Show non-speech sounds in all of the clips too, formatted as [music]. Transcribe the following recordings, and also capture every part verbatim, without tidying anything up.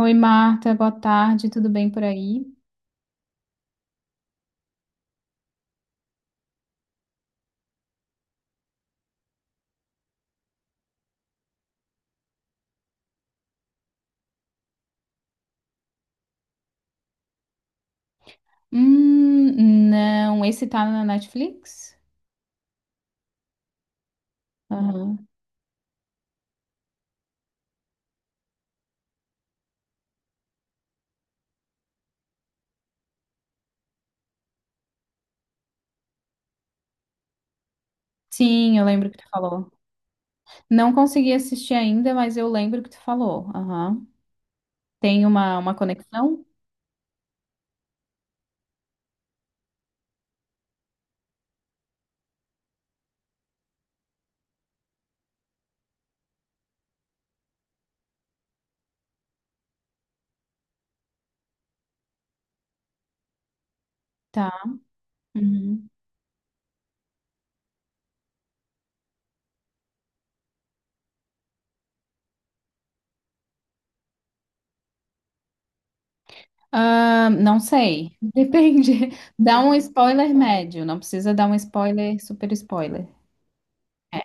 Oi, Marta, boa tarde, tudo bem por aí? Hum, não, esse tá na Netflix? Aham. Sim, eu lembro que tu falou. Não consegui assistir ainda, mas eu lembro que tu falou. Aham. Tem uma, uma conexão? Tá. Uhum. Ah, não sei, depende. [laughs] Dá um spoiler médio, não precisa dar um spoiler, super spoiler. É.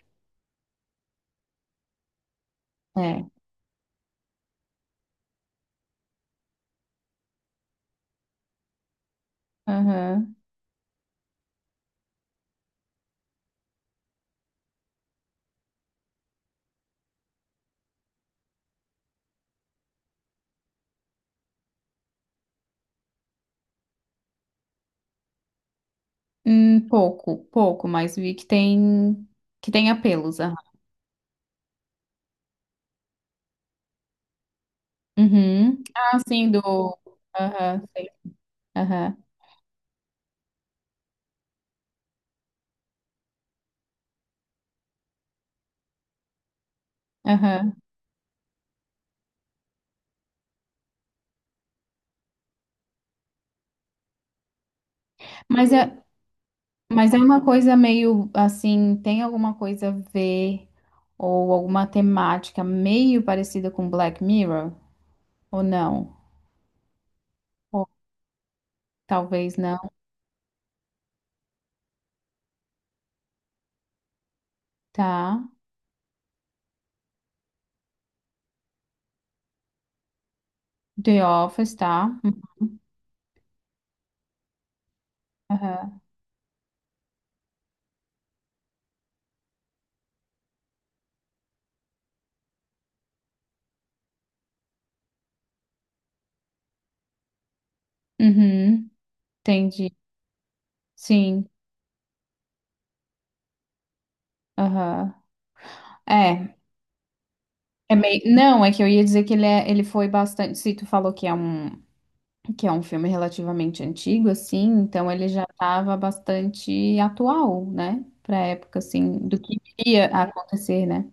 É. Aham. Hum, pouco, pouco, mas vi que tem que tem apelos. Uhum. Ah, sim, do. Aham, sei. Aham, aham. Mas é, mas é uma coisa meio assim, tem alguma coisa a ver ou alguma temática meio parecida com Black Mirror? Ou não? Ou talvez não. Tá. The Office, tá. Aham. Uhum. Entendi. Sim. Aham. É. É meio... Não, é que eu ia dizer que ele, é, ele foi bastante. Se tu falou que é um. Que é um filme relativamente antigo, assim, então ele já estava bastante atual, né? Para a época, assim, do que iria acontecer, né?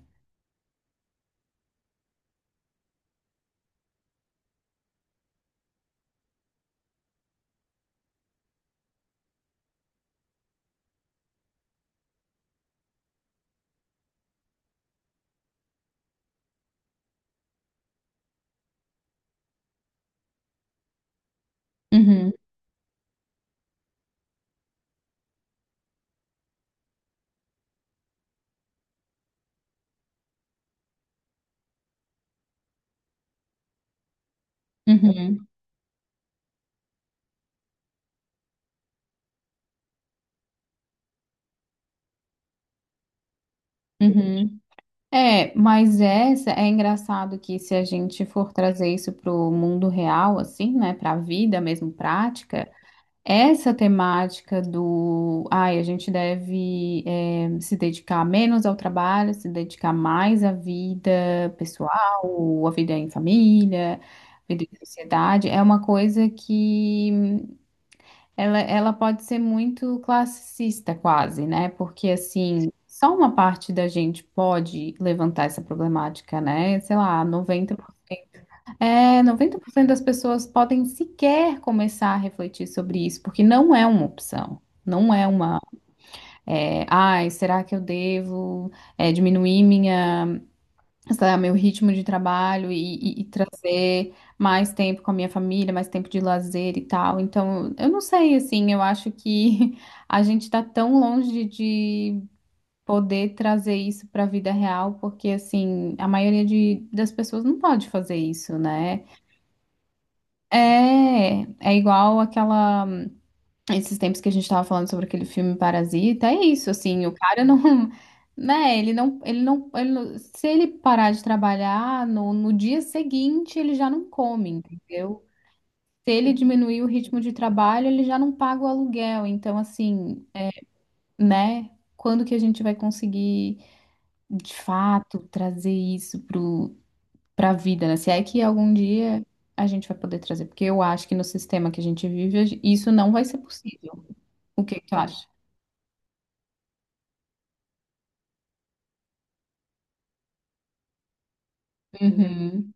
Uhum, uhum, uhum. É, mas essa é engraçado que se a gente for trazer isso para o mundo real, assim, né? Para a vida mesmo prática. Essa temática do, ai, a gente deve eh, se dedicar menos ao trabalho, se dedicar mais à vida pessoal, à vida em família, à vida em sociedade, é uma coisa que ela, ela pode ser muito classicista quase, né? Porque assim, só uma parte da gente pode levantar essa problemática, né? Sei lá, noventa é, noventa por cento das pessoas podem sequer começar a refletir sobre isso, porque não é uma opção. Não é uma, é, ai, será que eu devo, é, diminuir minha, sei lá, meu ritmo de trabalho e, e- e trazer mais tempo com a minha família, mais tempo de lazer e tal. Então, eu não sei, assim, eu acho que [laughs] a gente está tão longe de poder trazer isso para a vida real, porque, assim, a maioria de, das pessoas não pode fazer isso, né? É, é igual aquela. Esses tempos que a gente tava falando sobre aquele filme Parasita, é isso, assim, o cara não. [laughs] Né, ele não, ele não, ele não- se ele parar de trabalhar no, no dia seguinte, ele já não come, entendeu? Se ele diminuir o ritmo de trabalho, ele já não paga o aluguel. Então, assim, né? Quando que a gente vai conseguir, de fato, trazer isso para a vida, né? Se é que algum dia a gente vai poder trazer, porque eu acho que no sistema que a gente vive, a gen- isso não vai ser possível. O que que tu acha? Uhum.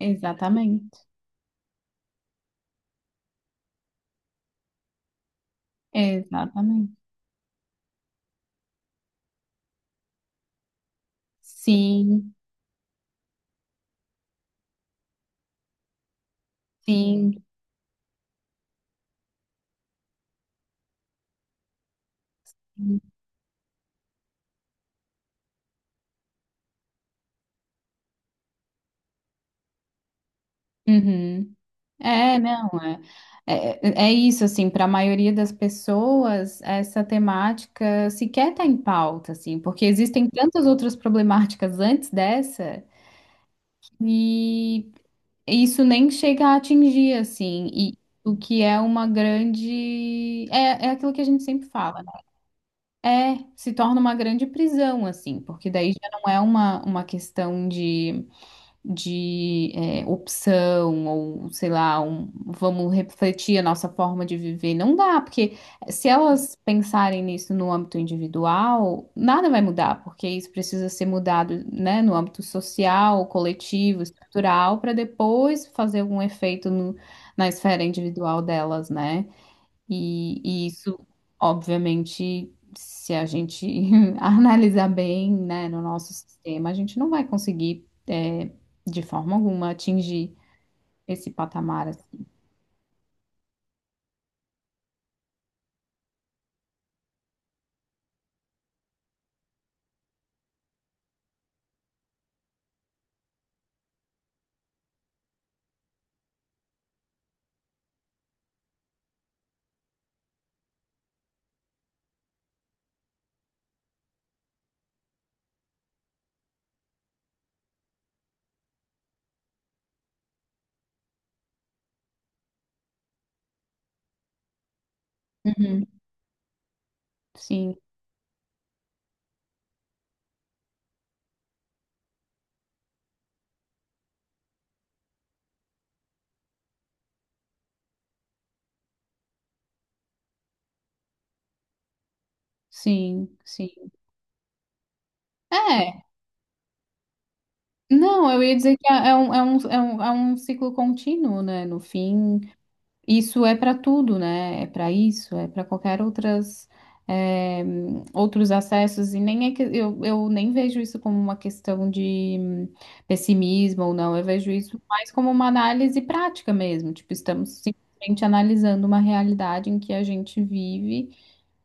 Exatamente. Exatamente. Sim, sim. Uhum. É, não, é, é, é isso, assim, para a maioria das pessoas, essa temática sequer está em pauta, assim, porque existem tantas outras problemáticas antes dessa, e isso nem chega a atingir, assim, e o que é uma grande. É, é aquilo que a gente sempre fala, né? É, se torna uma grande prisão, assim, porque daí já não é uma, uma questão de de é, opção, ou sei lá, um, vamos refletir a nossa forma de viver. Não dá, porque se elas pensarem nisso no âmbito individual, nada vai mudar, porque isso precisa ser mudado, né, no âmbito social, coletivo, estrutural, para depois fazer algum efeito no- na esfera individual delas, né? E, e isso, obviamente, se a gente [laughs] analisar bem, né, no nosso sistema, a gente não vai conseguir, é, de forma alguma, atingir esse patamar. Assim. Uhum. Sim, sim, sim. É, não, eu ia dizer que é é um, é um, é um, é um ciclo contínuo, né? No fim, isso é para tudo, né? É para isso, é para qualquer outras eh, outros acessos e nem é que eu, eu nem vejo isso como uma questão de hum, pessimismo ou não. Eu vejo isso mais como uma análise prática mesmo. Tipo, estamos simplesmente analisando uma realidade em que a gente vive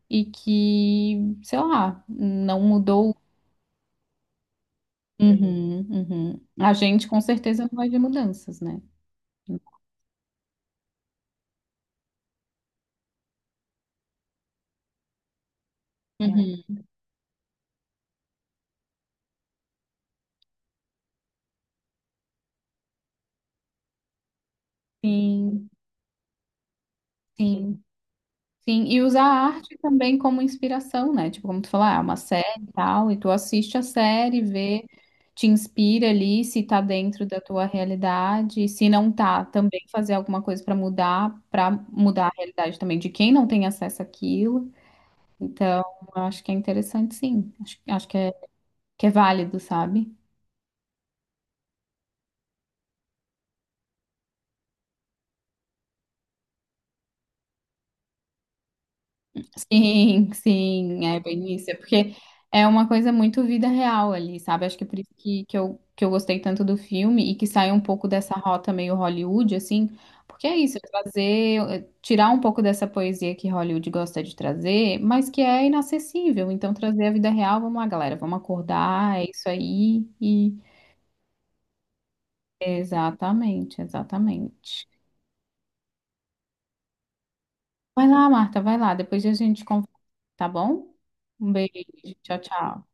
e que, sei lá, não mudou. Uhum, uhum. A gente com certeza não vai ver mudanças, né? Uhum. Sim, sim. Sim, e usar a arte também como inspiração, né? Tipo, como tu falar, ah, é uma série e tal, e tu assiste a série, vê, te inspira ali, se tá dentro da tua realidade, e se não tá, também fazer alguma coisa pra mudar, pra mudar a realidade também de quem não tem acesso àquilo. Então, eu acho que é interessante, sim. Acho, acho que é, que é válido, sabe? Sim, sim, é bem isso. É porque é uma coisa muito vida real ali, sabe? Acho que é por isso que, que eu, que eu gostei tanto do filme e que sai um pouco dessa rota meio Hollywood, assim. Porque é isso, é trazer, é tirar um pouco dessa poesia que Hollywood gosta de trazer, mas que é inacessível. Então, trazer a vida real, vamos lá, galera, vamos acordar, é isso aí. E... Exatamente, exatamente. Vai lá, Marta, vai lá, depois a gente conversa, tá bom? Um beijo, tchau, tchau.